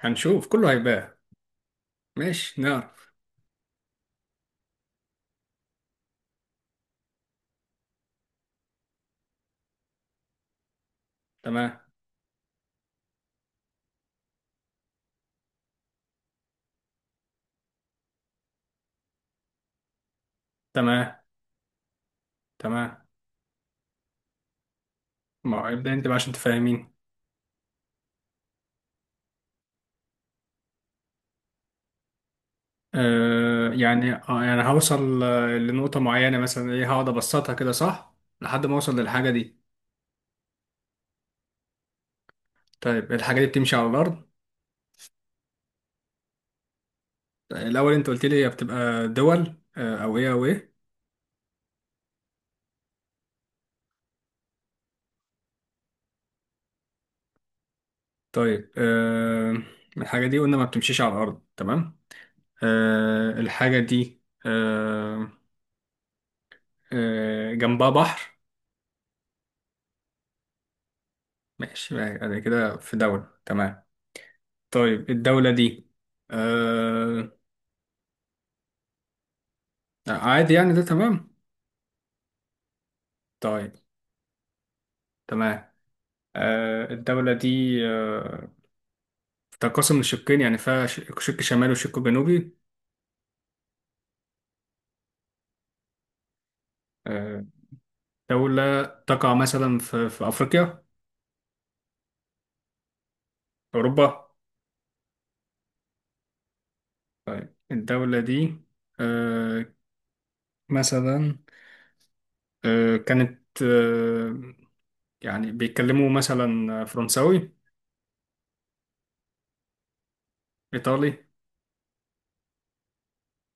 هنشوف كله هيبان. ماشي، نعرف. تمام، تمام، تمام. ما ابدأ انت بقى عشان تفهمين. يعني هوصل لنقطة معينة مثلا ايه، هقعد ابسطها كده صح لحد ما اوصل للحاجة دي. طيب، الحاجة دي بتمشي على الأرض؟ الأول انت قلت لي هي بتبقى دول أو ايه أو ايه؟ طيب، الحاجة دي قلنا ما بتمشيش على الأرض، تمام. الحاجة دي. جنبها بحر. ماشي، يعني كده في دولة، تمام. طيب، الدولة دي. آه. آه، عادي، يعني ده تمام. طيب. تمام. الدولة دي. تنقسم لشقين، يعني فيها شق شمالي وشق جنوبي. آه دولة تقع مثلا في أفريقيا؟ أوروبا؟ طيب، الدولة دي. آه. مثلا. كانت. يعني بيتكلموا مثلا فرنساوي؟ إيطالي؟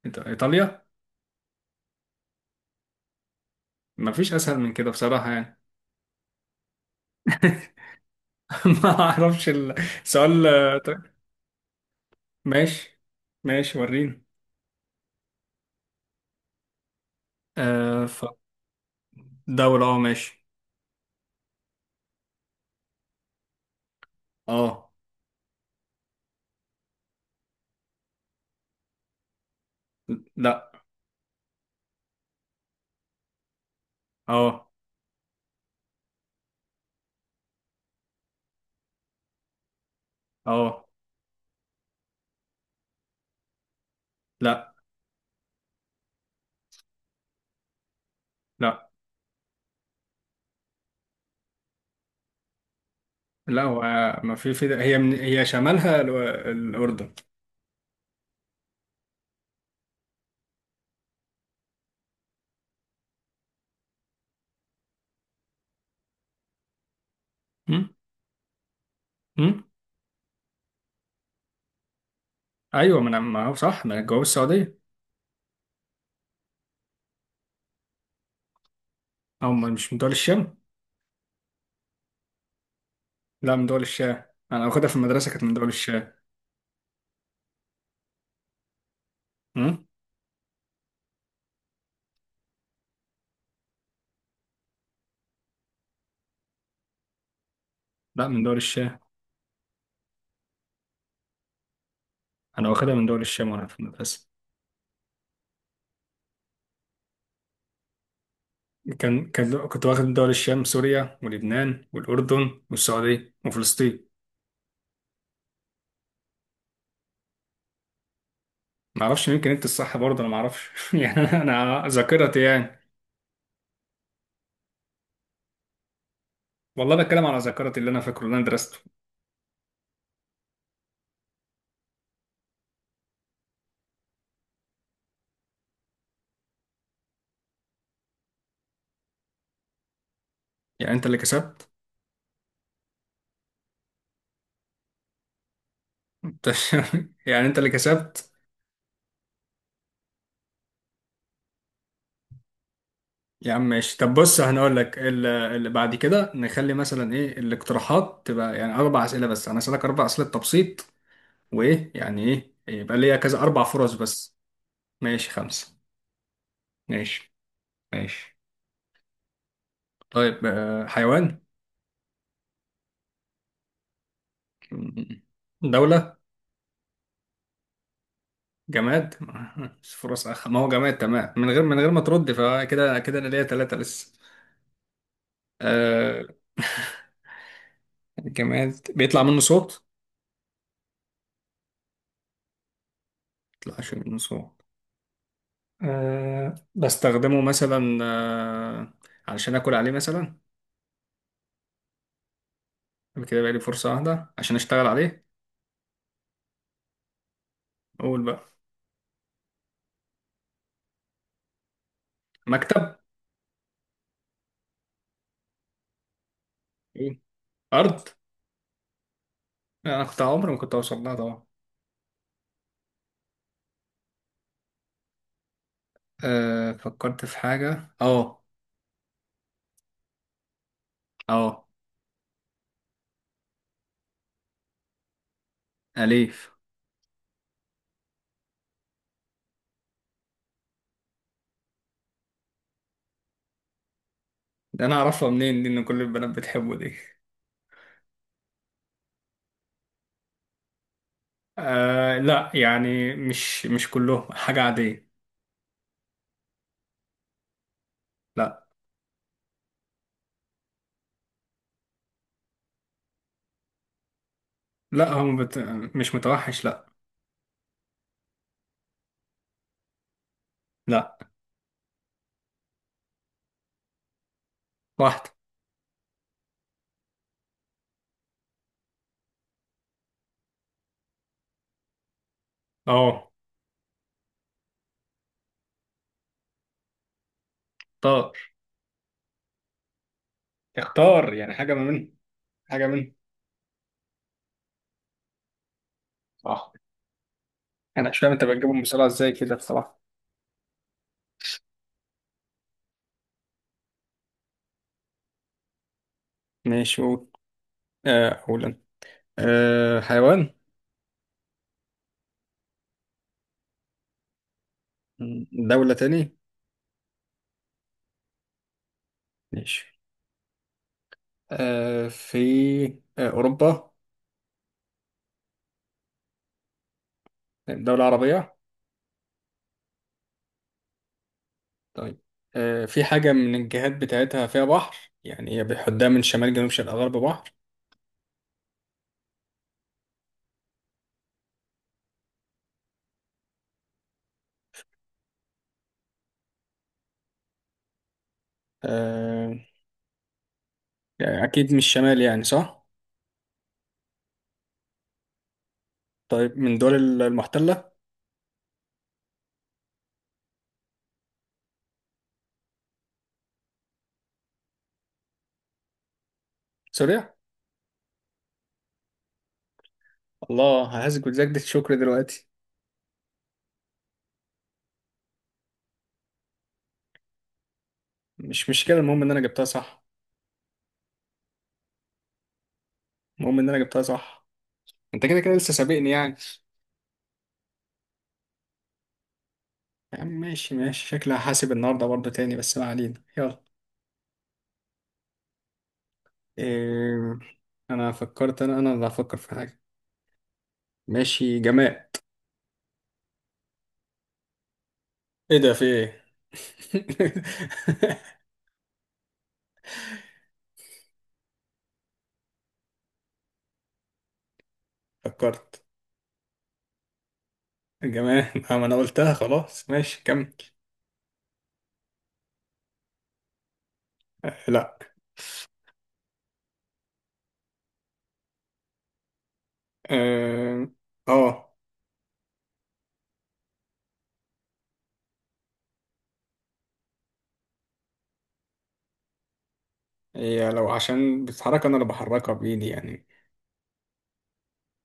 إيطاليا. مفيش أسهل من كده بصراحة، يعني. ما أعرفش السؤال. ماشي، ماشي، وريني. ف دولة، اه، ماشي. اه. لا. اه، اه. لا، لا، لا. هو ما في هي، من هي شمالها الأردن. هم؟ هم؟ ايوه، ما انا، ما هو صح، ما انا جواب السعودية. او مش من دول الشام. لا، من دول الشام. انا واخدها في المدرسة، كانت من دول الشام. هم؟ لا، من دول الشام. انا واخدها من دول الشام وانا في المدرسة. كنت واخد من دول الشام: سوريا ولبنان والأردن والسعودية وفلسطين. ما اعرفش، يمكن انت الصح، برضه انا ما اعرفش. يعني أنا ذاكرتي، يعني. والله بتكلم على ذاكرتي، اللي انا فاكره، اللي انا درسته. يعني انت اللي كسبت. انت يعني انت اللي كسبت. يا عم، ماشي، طب بص، هنقول لك اللي بعد كده، نخلي مثلا ايه الاقتراحات تبقى، يعني اربع اسئله بس، انا اسالك اربع اسئله تبسيط. وايه يعني ايه؟ يبقى ليا كذا اربع فرص بس. ماشي، خمسه. ماشي، ماشي. طيب، حيوان؟ دوله؟ جماد؟ مش فرص، ما هو جماد، تمام، من غير ما ترد فكده كده انا ليا ثلاثة لسه. آه. جماد بيطلع منه صوت؟ بيطلعش منه صوت. بستخدمه مثلا علشان اكل عليه مثلا؟ يبقى كده، بقى لي فرصة واحدة عشان اشتغل عليه. اقول بقى. مكتب؟ إيه؟ ارض؟ انا كنت عمري ما كنت اوصل لها طبعا. فكرت في حاجة، اه. اه. اليف. ده انا اعرفها منين دي، ان كل البنات بتحبه دي؟ لا، يعني مش كلهم، حاجة عادية. لا. لا، هم. مش متوحش، لا. لا. واحدة. اه. اختار. اختار، يعني حاجة ما منهم. حاجة منهم. صح. أنا مش فاهم أنت بتجيبهم بسرعة إزاي كده، بصراحة. ماشي، قول. أقول أنا. حيوان؟ دولة تاني؟ ماشي. في أوروبا؟ دولة عربية؟ طيب، في حاجة من الجهات بتاعتها فيها بحر، يعني هي بيحدها من شمال جنوب شرق غرب بحر. آه يعني أكيد مش شمال، يعني صح؟ طيب، من دول المحتلة؟ سوريا؟ الله، ههزك وتزايد الشكر دلوقتي. مش مشكلة، المهم إن أنا جبتها صح. المهم إن أنا جبتها صح. أنت كده كده لسه سابقني، يعني. يا عم، ماشي، ماشي، شكلي هحاسب النهاردة برضه تاني، بس ما علينا، يلا. إيه. أنا فكرت، أنا اللي هفكر في حاجة. ماشي، جماد. إيه ده؟ في إيه؟ فكرت. جماد، ما أنا قلتها خلاص، ماشي كمل. لا. آه. آه. هي لو عشان بتتحرك، انا اللي بحركها بايدي يعني.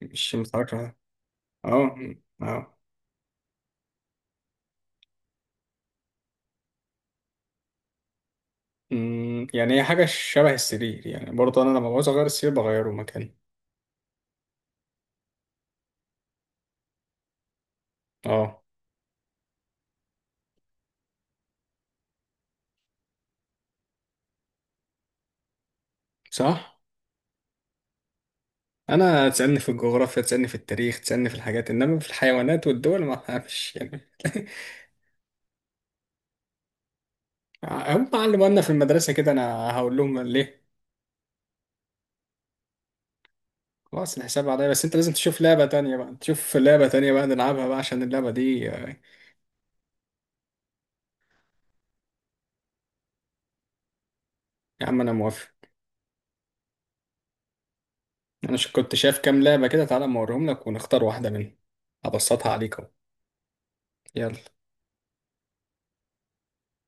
مش بتحركها. اه. اه. يعني هي حاجه شبه السرير، يعني برضه انا لما بعوز اغير السرير بغيره مكاني. اه. صح. انا تسالني في الجغرافيا، تسالني في التاريخ، تسالني في الحاجات، انما في الحيوانات والدول ما فيش، يعني. هم علموا لنا في المدرسه كده، انا هقول لهم ليه. خلاص، الحساب عليا، بس انت لازم تشوف لعبه تانية بقى، تشوف لعبه تانية بقى نلعبها بقى عشان اللعبه دي. يا عم، انا موافق. انا كنت شايف كام لعبة كده، تعالى أما اوريهم لك ونختار واحدة منهم. ابسطها عليك اهو. يلا.